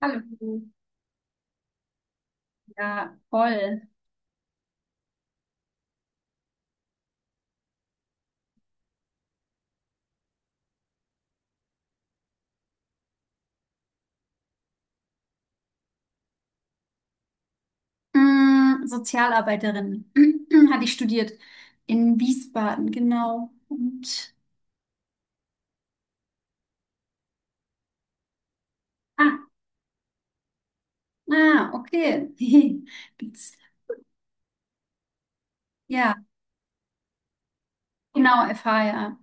Hallo. Ja, voll. Sozialarbeiterin hatte ich studiert in Wiesbaden, genau. Und ah, okay. Gibt's- Ja, genau, FH, ja.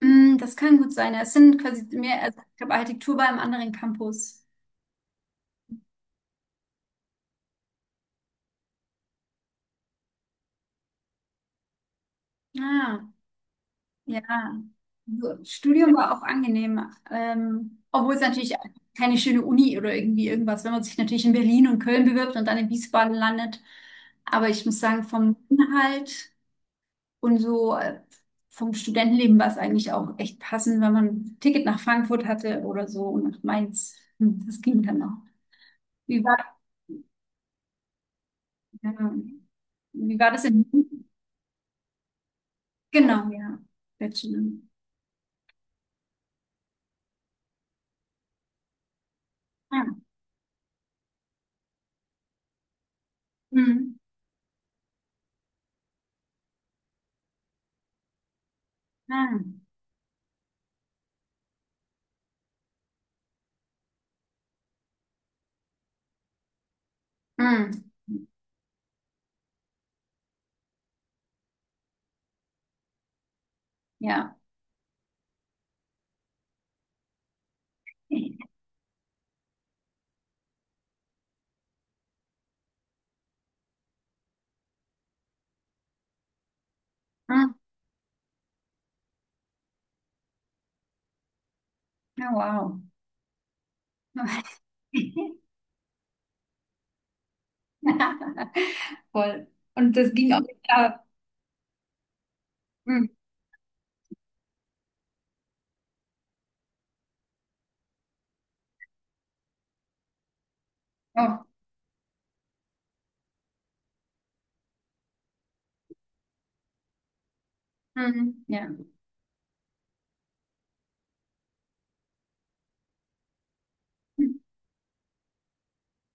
Das kann gut sein. Es sind quasi mehr, also ich habe Architektur bei einem anderen Campus. Ah. Ja, so, Studium war auch angenehm, obwohl es natürlich keine schöne Uni oder irgendwie irgendwas, wenn man sich natürlich in Berlin und Köln bewirbt und dann in Wiesbaden landet. Aber ich muss sagen, vom Inhalt und so vom Studentenleben war es eigentlich auch echt passend, wenn man ein Ticket nach Frankfurt hatte oder so und nach Mainz. Das ging dann auch. Wie war, ähm, wie war das in Wien? Genau, ja. Bachelor. Ah, mm, ah, mm, ja. Ah, wow. Voll. Und das ging auch nicht ab. Hm. Oh. Mhm. Ja.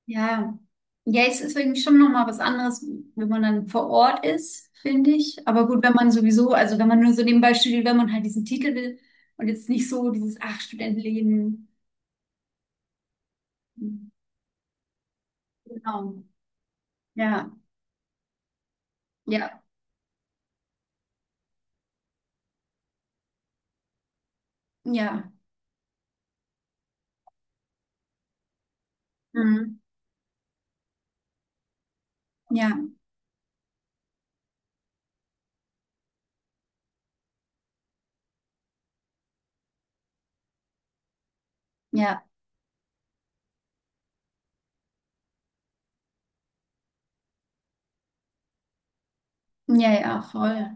Ja. Ja, es ist irgendwie schon nochmal was anderes, wenn man dann vor Ort ist, finde ich. Aber gut, wenn man sowieso, also wenn man nur so nebenbei studiert, wenn man halt diesen Titel will und jetzt nicht so dieses, ach, Studentenleben. Genau. Ja. Ja. Ja. Mhm. Ja. Ja. Ja, ja, voll.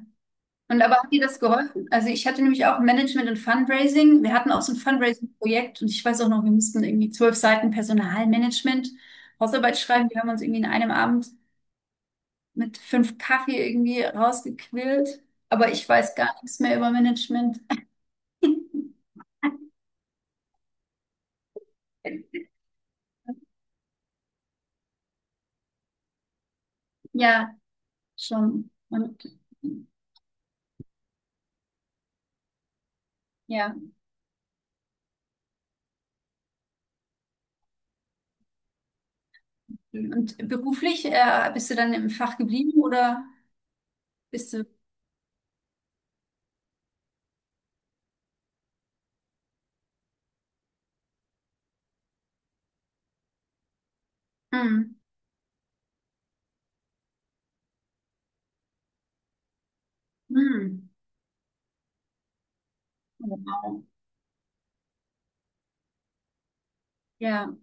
Und aber hat dir das geholfen? Also ich hatte nämlich auch Management und Fundraising. Wir hatten auch so ein Fundraising-Projekt und ich weiß auch noch, wir mussten irgendwie 12 Seiten Personalmanagement, Hausarbeit schreiben. Die haben uns irgendwie in einem Abend mit fünf Kaffee irgendwie rausgequillt. Aber ich weiß gar nichts mehr über Management. Ja, schon. Und ja. Und beruflich, bist du dann im Fach geblieben oder bist du? Hm. Hm. Wow. Ja,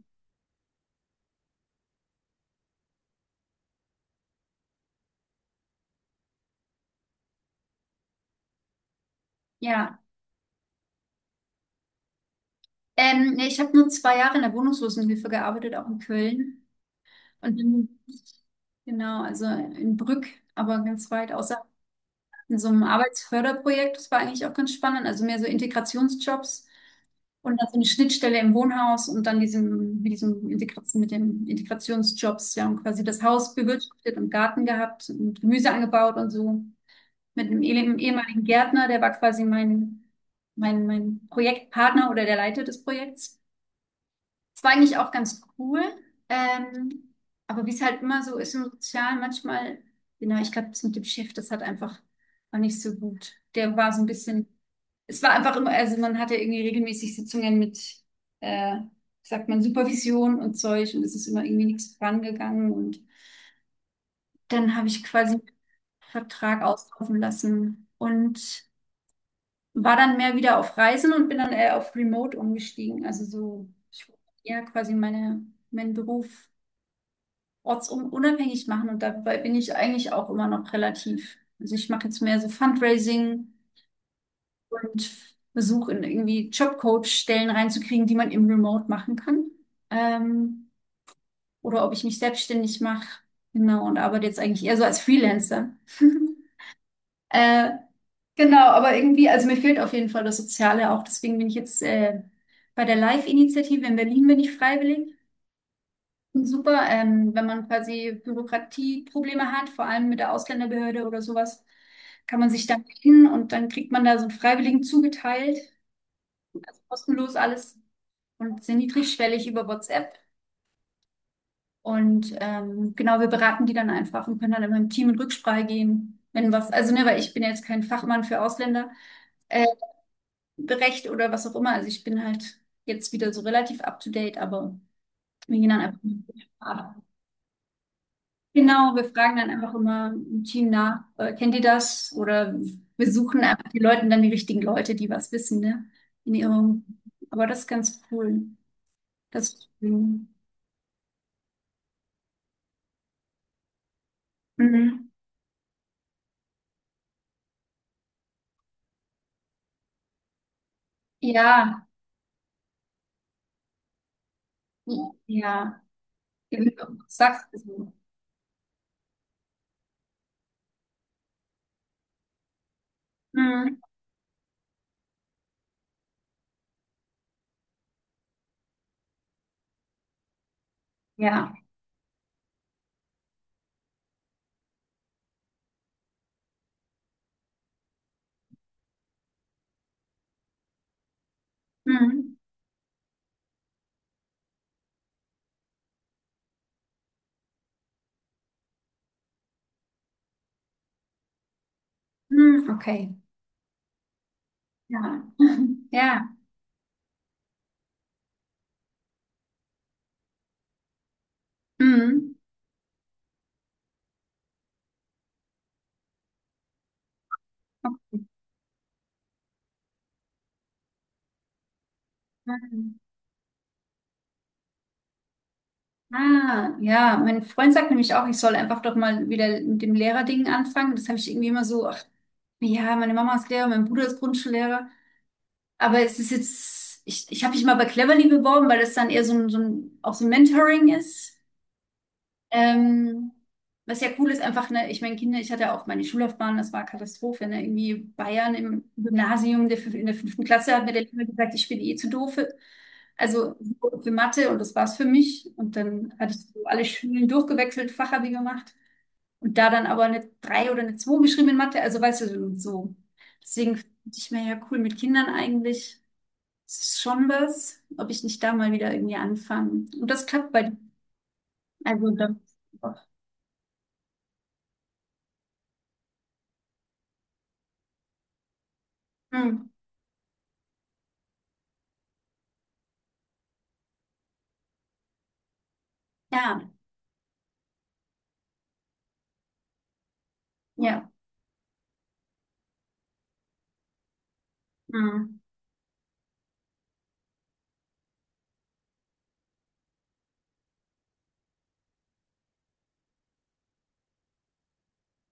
ja. Nee, ich habe nur 2 Jahre in der Wohnungslosenhilfe gearbeitet, auch in Köln. Und dann, genau, also in Brück, aber ganz weit außerhalb, in so einem Arbeitsförderprojekt. Das war eigentlich auch ganz spannend. Also mehr so Integrationsjobs und dann so eine Schnittstelle im Wohnhaus und dann diesem, mit diesem Integration, mit den Integrationsjobs. Wir haben quasi das Haus bewirtschaftet und Garten gehabt und Gemüse angebaut und so. Mit einem ehemaligen Gärtner, der war quasi mein Projektpartner oder der Leiter des Projekts. Es war eigentlich auch ganz cool. Ähm, aber wie es halt immer so ist im Sozialen, manchmal, genau, ich glaube, das mit dem Chef, das hat einfach auch nicht so gut. Der war so ein bisschen, es war einfach immer, also man hatte irgendwie regelmäßig Sitzungen mit, wie sagt man, Supervision und Zeug und es ist immer irgendwie nichts vorangegangen und dann habe ich quasi einen Vertrag auslaufen lassen und war dann mehr wieder auf Reisen und bin dann eher auf Remote umgestiegen. Also so, ich wollte ja quasi meinen Beruf ortsunabhängig machen und dabei bin ich eigentlich auch immer noch relativ. Also ich mache jetzt mehr so Fundraising und versuche in irgendwie Jobcoach-Stellen reinzukriegen, die man im Remote machen kann. Ähm, oder ob ich mich selbstständig mache. Genau, und arbeite jetzt eigentlich eher so als Freelancer. Äh, genau, aber irgendwie, also mir fehlt auf jeden Fall das Soziale auch. Deswegen bin ich jetzt bei der Live-Initiative in Berlin bin ich freiwillig. Super, wenn man quasi Bürokratieprobleme hat, vor allem mit der Ausländerbehörde oder sowas, kann man sich da hin und dann kriegt man da so einen Freiwilligen zugeteilt, also kostenlos alles und sehr niedrigschwellig über WhatsApp. Und genau, wir beraten die dann einfach und können dann immer im Team in Rücksprache gehen, wenn was, also ne, weil ich bin ja jetzt kein Fachmann für Ausländer, äh, Recht oder was auch immer. Also ich bin halt jetzt wieder so relativ up to date, aber wir gehen dann einfach mit. Genau, wir fragen dann einfach immer im Team nach, kennt ihr das? Oder wir suchen einfach die Leute dann die richtigen Leute, die was wissen, ne? In ihrem, aber das ist ganz cool. Das, mhm. Ja, ja, sagst du? So. Mhm. Ja, mhm. Mhm. Okay, ja, ja, mhm. Okay. Mhm. Ah, ja, mein Freund sagt nämlich auch, ich soll einfach doch mal wieder mit dem Lehrerding anfangen. Das habe ich irgendwie immer so, ach, ja, meine Mama ist Lehrer, mein Bruder ist Grundschullehrer. Aber es ist jetzt, ich habe mich mal bei Cleverly beworben, weil das dann eher auch so ein Mentoring ist. Ähm, was ja cool ist, einfach, ne, ich meine, Kinder, ich hatte ja auch meine Schullaufbahn, das war Katastrophe, ne? Irgendwie Bayern im Gymnasium, in der 5. Klasse hat mir der Lehrer gesagt, ich bin eh zu doof für, also für Mathe und das war's für mich. Und dann hatte ich so alle Schulen durchgewechselt, Fachabi gemacht und da dann aber eine 3 oder eine 2 geschrieben in Mathe, also weißt du, so. So. Deswegen finde ich mir ja cool mit Kindern eigentlich. Das ist schon was, ob ich nicht da mal wieder irgendwie anfange. Und das klappt bei, also da. Hm. Ja, ja. Mhm.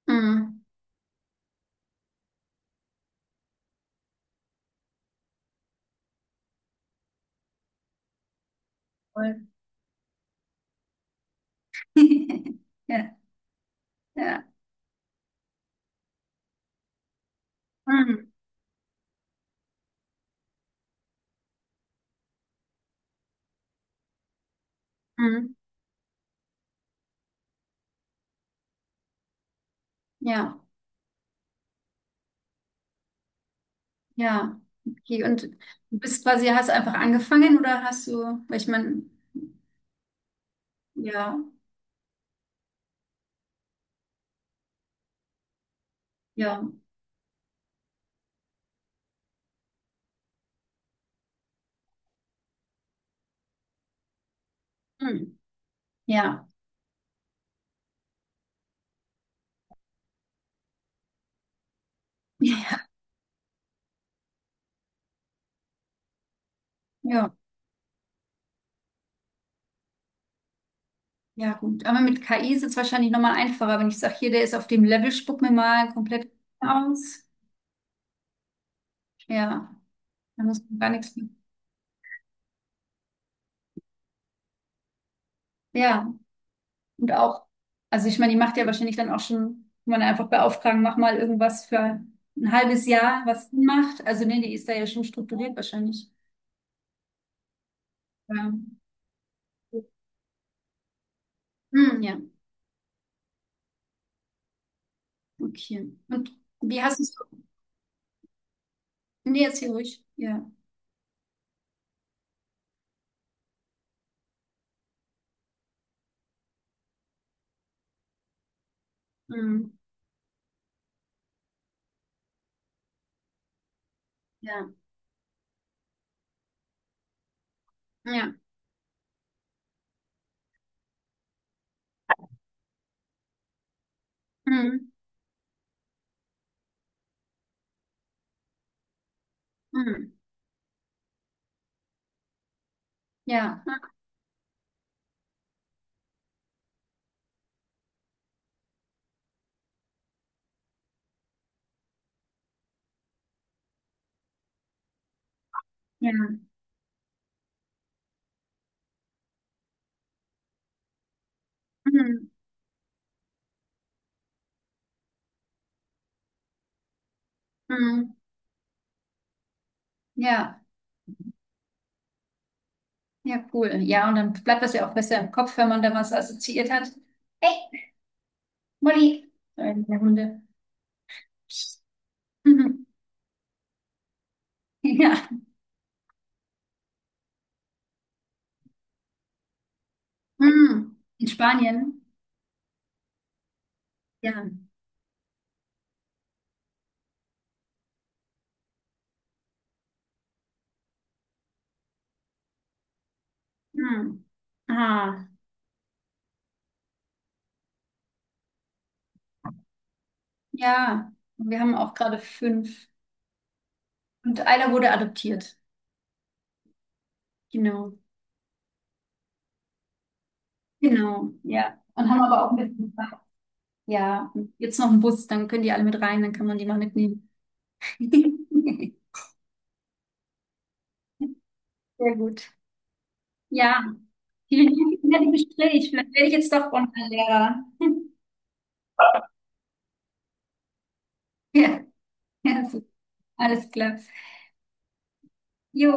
Mhm. Voll. Ja, ja. Mhm. Mhm. Ja, ja. Okay, und du bist quasi, hast einfach angefangen oder hast du, weil ich meine, ja, ja, mhm. Ja, ja, ja, ja, gut. Aber mit KI ist es wahrscheinlich nochmal einfacher, wenn ich sage, hier, der ist auf dem Level, spuck mir mal komplett aus. Ja, da muss man gar nichts mehr. Ja. Und auch, also ich meine, die macht ja wahrscheinlich dann auch schon, kann man einfach beauftragen, mach mal irgendwas für ein halbes Jahr, was sie macht. Also nee, die ist da ja schon strukturiert wahrscheinlich. Ja. Hm, ja, okay. Und wie hast du es? Nee, jetzt hier ruhig. Ja. Hm, ja. Ja. Hm, hm, ja. Ja. Hm, hm, ja. Ja, cool. Ja, und dann bleibt das ja auch besser im Kopf, wenn man da was assoziiert hat. Hey, Molly. Der Hunde. Mhm. Ja. Hm, in Spanien? Ja. Hm. Ah, ja. Und wir haben auch gerade fünf. Und einer wurde adoptiert. Genau. Genau, ja. Und haben aber auch mit. Ja, und jetzt noch einen Bus, dann können die alle mit rein, dann kann man die mal mitnehmen. Sehr gut. Ja, vielen Dank für das nette Gespräch. Vielleicht werde ich jetzt doch Online-Lehrer. Ja, ja, so. Alles klar. Jo.